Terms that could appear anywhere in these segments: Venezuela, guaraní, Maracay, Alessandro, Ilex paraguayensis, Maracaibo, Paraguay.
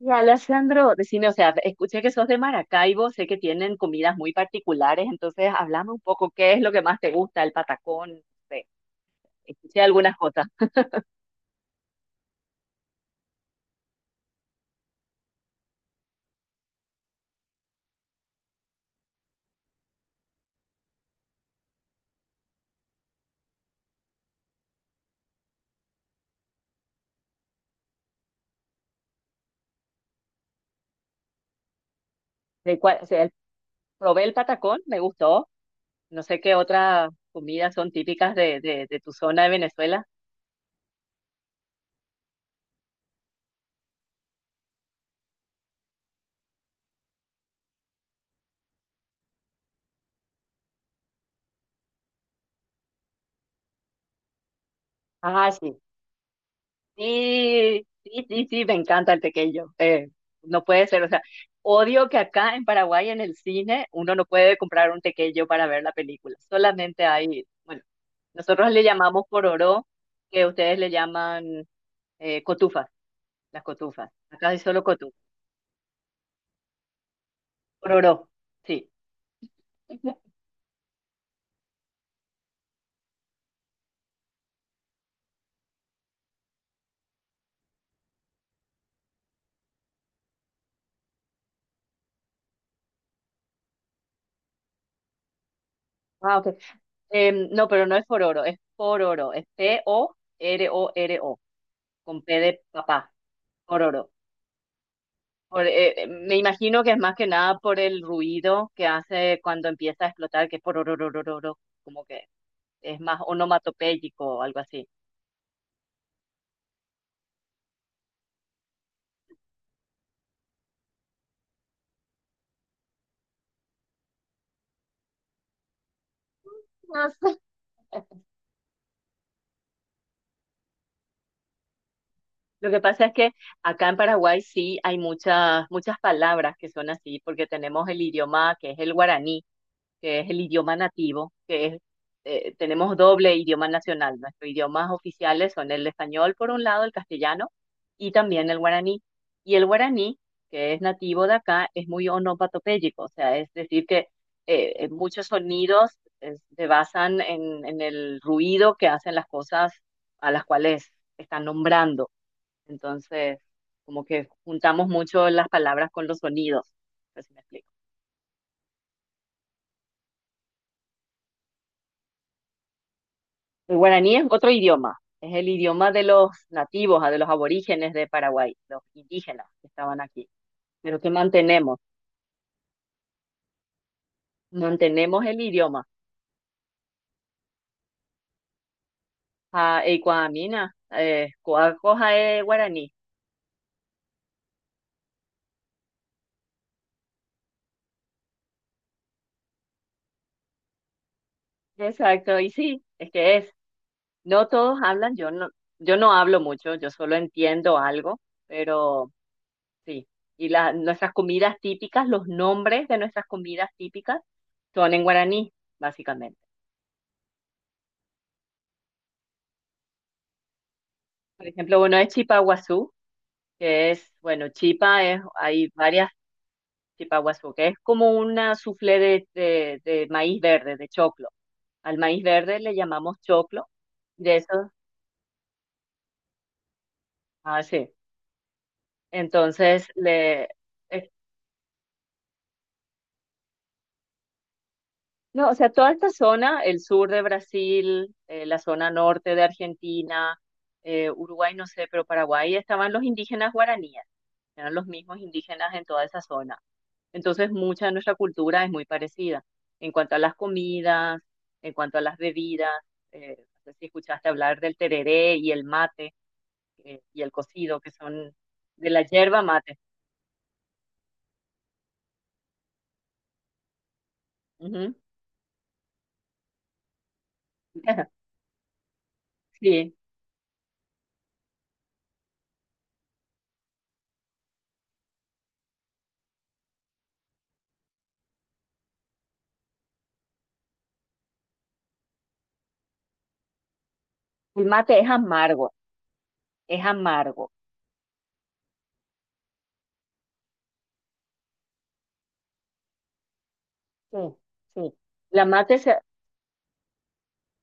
Y Alessandro, decime, o sea, escuché que sos de Maracaibo, sé que tienen comidas muy particulares, entonces háblame un poco, ¿qué es lo que más te gusta? El patacón, no sé, escuché algunas cosas. O sea, probé el patacón, me gustó, no sé qué otras comidas son típicas de tu zona de Venezuela. Ah, sí. Sí, sí, sí, sí, me encanta el tequeño. No puede ser, o sea, odio que acá en Paraguay en el cine uno no puede comprar un tequeño para ver la película. Solamente hay, bueno, nosotros le llamamos pororó, que ustedes le llaman cotufas, las cotufas. Acá hay solo cotufas. Pororó, sí. Ah, ok. No, pero no es pororo, es pororo, es Pororo, con P de papá, pororo. Me imagino que es más que nada por el ruido que hace cuando empieza a explotar, que es por orororororo, como que es más onomatopéyico o algo así. No sé. Lo que pasa es que acá en Paraguay sí hay muchas, muchas palabras que son así, porque tenemos el idioma que es el guaraní. Que es el idioma nativo, tenemos doble idioma nacional. Nuestros idiomas oficiales son el español, por un lado, el castellano y también el guaraní. Y el guaraní, que es nativo de acá, es muy onomatopéyico, o sea, es decir, que muchos sonidos se basan en el ruido que hacen las cosas a las cuales están nombrando. Entonces, como que juntamos mucho las palabras con los sonidos. No sé si me explico. El guaraní es otro idioma, es el idioma de los nativos, ah, de los aborígenes de Paraguay, los indígenas que estaban aquí, pero que mantenemos el idioma. Ah, y cuamina, es guaraní. Exacto, y sí, es que es. No todos hablan, yo no hablo mucho, yo solo entiendo algo, pero sí. Y nuestras comidas típicas, los nombres de nuestras comidas típicas son en guaraní, básicamente. Por ejemplo, uno es chipaguazú, bueno, hay varias chipa chipaguazú, que es como una soufflé de maíz verde, de choclo. Al maíz verde le llamamos choclo, de eso, ah, sí. Entonces, le, es No, o sea, toda esta zona, el sur de Brasil, la zona norte de Argentina, Uruguay, no sé, pero Paraguay, estaban los indígenas guaraníes, eran los mismos indígenas en toda esa zona. Entonces, mucha de nuestra cultura es muy parecida en cuanto a las comidas, en cuanto a las bebidas. eh, no sé si escuchaste hablar del tereré y el mate y el cocido, que son de la yerba mate. Ujú. Sí, el mate es amargo, es amargo. Sí, sí. La mate se,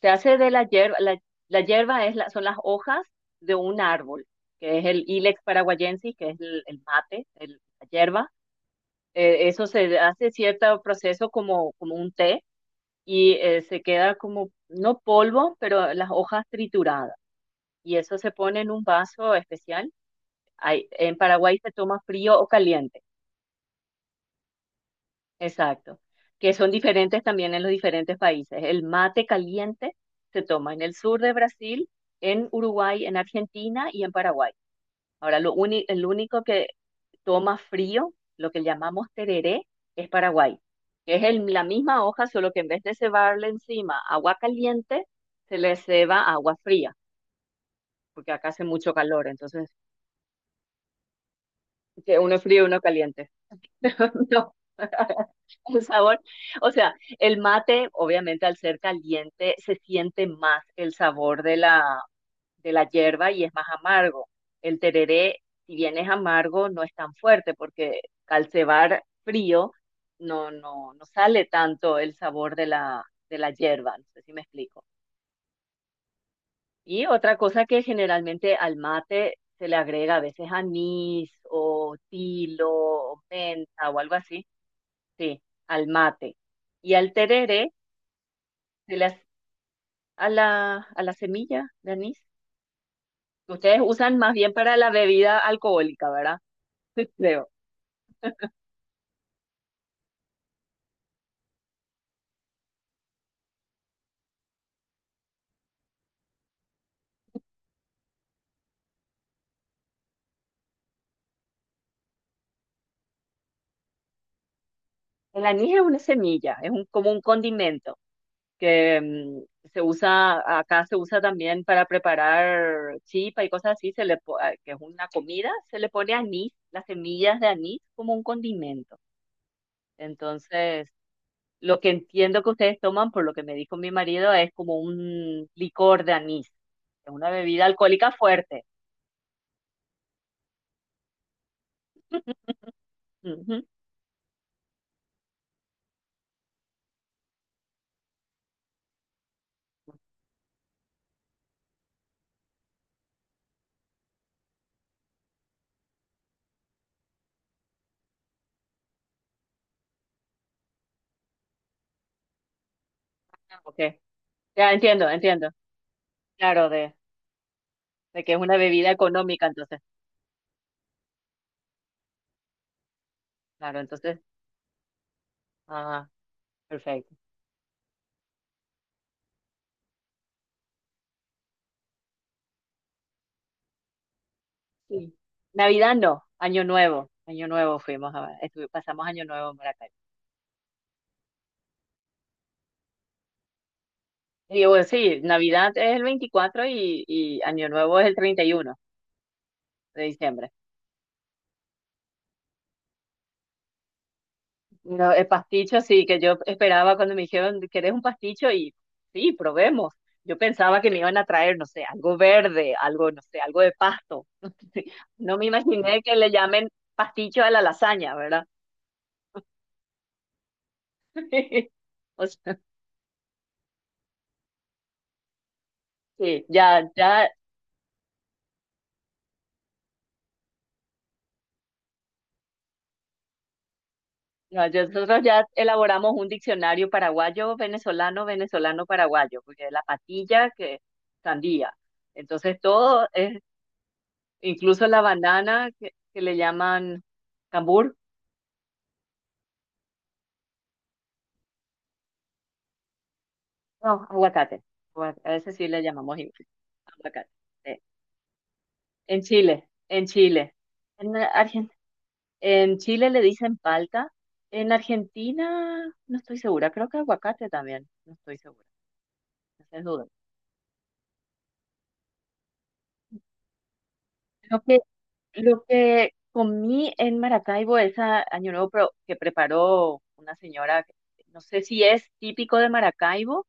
se hace de la hierba, la hierba son las hojas de un árbol, que es el Ilex paraguayensis, que es el mate, la hierba. Eso se hace cierto proceso como un té y se queda como, no polvo, pero las hojas trituradas. Y eso se pone en un vaso especial. En Paraguay se toma frío o caliente. Exacto, que son diferentes también en los diferentes países. El mate caliente se toma en el sur de Brasil, en Uruguay, en Argentina y en Paraguay. Ahora, el único que toma frío, lo que llamamos tereré, es Paraguay, que es la misma hoja, solo que en vez de cebarle encima agua caliente, se le ceba agua fría, porque acá hace mucho calor, entonces que uno es frío y uno es caliente. No. El sabor, o sea, el mate, obviamente al ser caliente, se siente más el sabor de la hierba y es más amargo. El tereré, si bien es amargo, no es tan fuerte porque al cebar frío no sale tanto el sabor de la hierba, no sé si me explico. Y otra cosa que generalmente al mate se le agrega a veces anís o tilo o menta o algo así, sí, al mate. Y al tereré de las, a la semilla de anís. Ustedes usan más bien para la bebida alcohólica, ¿verdad? Creo. El anís es una semilla, como un condimento que se usa, acá se usa también para preparar chipa y cosas así, se le, po- a- que es una comida, se le pone anís, las semillas de anís como un condimento. Entonces, lo que entiendo que ustedes toman, por lo que me dijo mi marido, es como un licor de anís, es una bebida alcohólica fuerte. Ujú. Ok. Ya entiendo, entiendo. Claro, de que es una bebida económica, entonces. Claro, entonces. Ah, perfecto. Sí. Navidad no, Año Nuevo. Año Nuevo fuimos a, pasamos Año Nuevo en Maracay. Y bueno, sí, Navidad es el 24 y Año Nuevo es el 31 de diciembre. No, el pasticho sí, que yo esperaba cuando me dijeron, ¿querés un pasticho? Y sí, probemos. Yo pensaba que me iban a traer, no sé, algo verde, algo, no sé, algo de pasto. No me imaginé que le llamen pasticho a la lasaña, ¿verdad? O sea, sí, ya, ya, ya, nosotros ya elaboramos un diccionario paraguayo, venezolano, venezolano, paraguayo, porque la patilla que sandía. Entonces todo incluso la banana que le llaman cambur. No, aguacate. A veces sí le llamamos igual. Aguacate. Sí. En Chile, en Chile. En, Argen- en Chile le dicen palta. En Argentina, no estoy segura. Creo que aguacate también. No estoy segura. Esa es duda. Lo que, lo que comí en Maracaibo ese año nuevo que preparó una señora, no sé si es típico de Maracaibo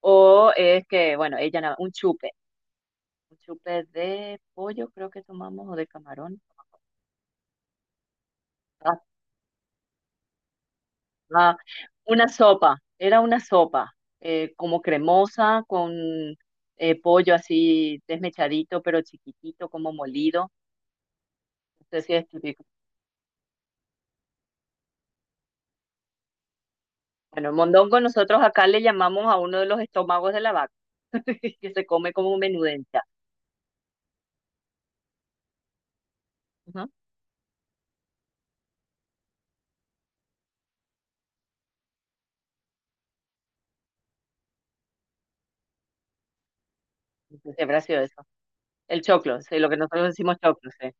o es que, bueno, un chupe. Un chupe de pollo, creo que tomamos, o de camarón. Ah, ah, una sopa, era una sopa, como cremosa, con pollo así desmechadito, pero chiquitito, como molido. No sé si es típico. Bueno, el mondongo nosotros acá le llamamos a uno de los estómagos de la vaca, que se come como menudencia. Ajá. Entonces, habrá sido eso. El choclo, sí, lo que nosotros decimos choclo, sí.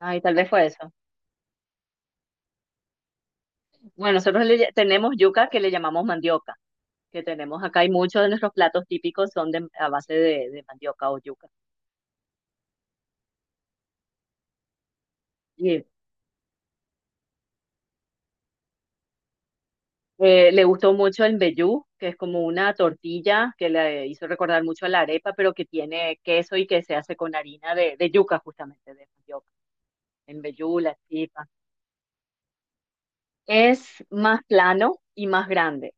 Ay, tal vez fue eso. Bueno, nosotros tenemos yuca que le llamamos mandioca, que tenemos acá y muchos de nuestros platos típicos son a base de mandioca o yuca. Le gustó mucho el mbejú, que es como una tortilla que le hizo recordar mucho a la arepa, pero que tiene queso y que se hace con harina de yuca, justamente, de mandioca. El mbejú, la chipa. Es más plano y más grande,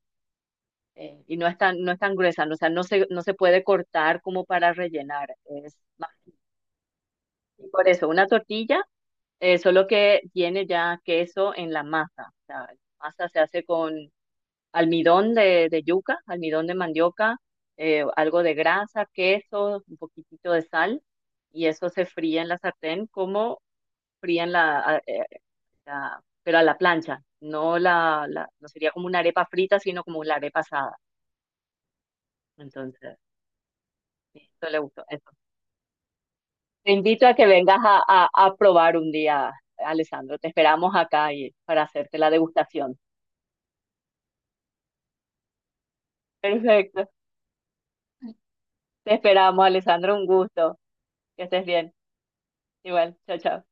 y no es tan gruesa, no, o sea, no se puede cortar como para rellenar. Es más, y por eso, una tortilla, solo que tiene ya queso en la masa. O sea, la masa se hace con almidón de yuca, almidón de mandioca, algo de grasa, queso, un poquitito de sal, y eso se fría en la sartén como frían pero a la plancha, no sería como una arepa frita, sino como una arepa asada. Entonces, esto le gustó. Eso. Te invito a que vengas a probar un día, Alessandro. Te esperamos acá para hacerte la degustación. Perfecto. Te esperamos, Alessandro. Un gusto. Que estés bien. Igual. Chao, chao.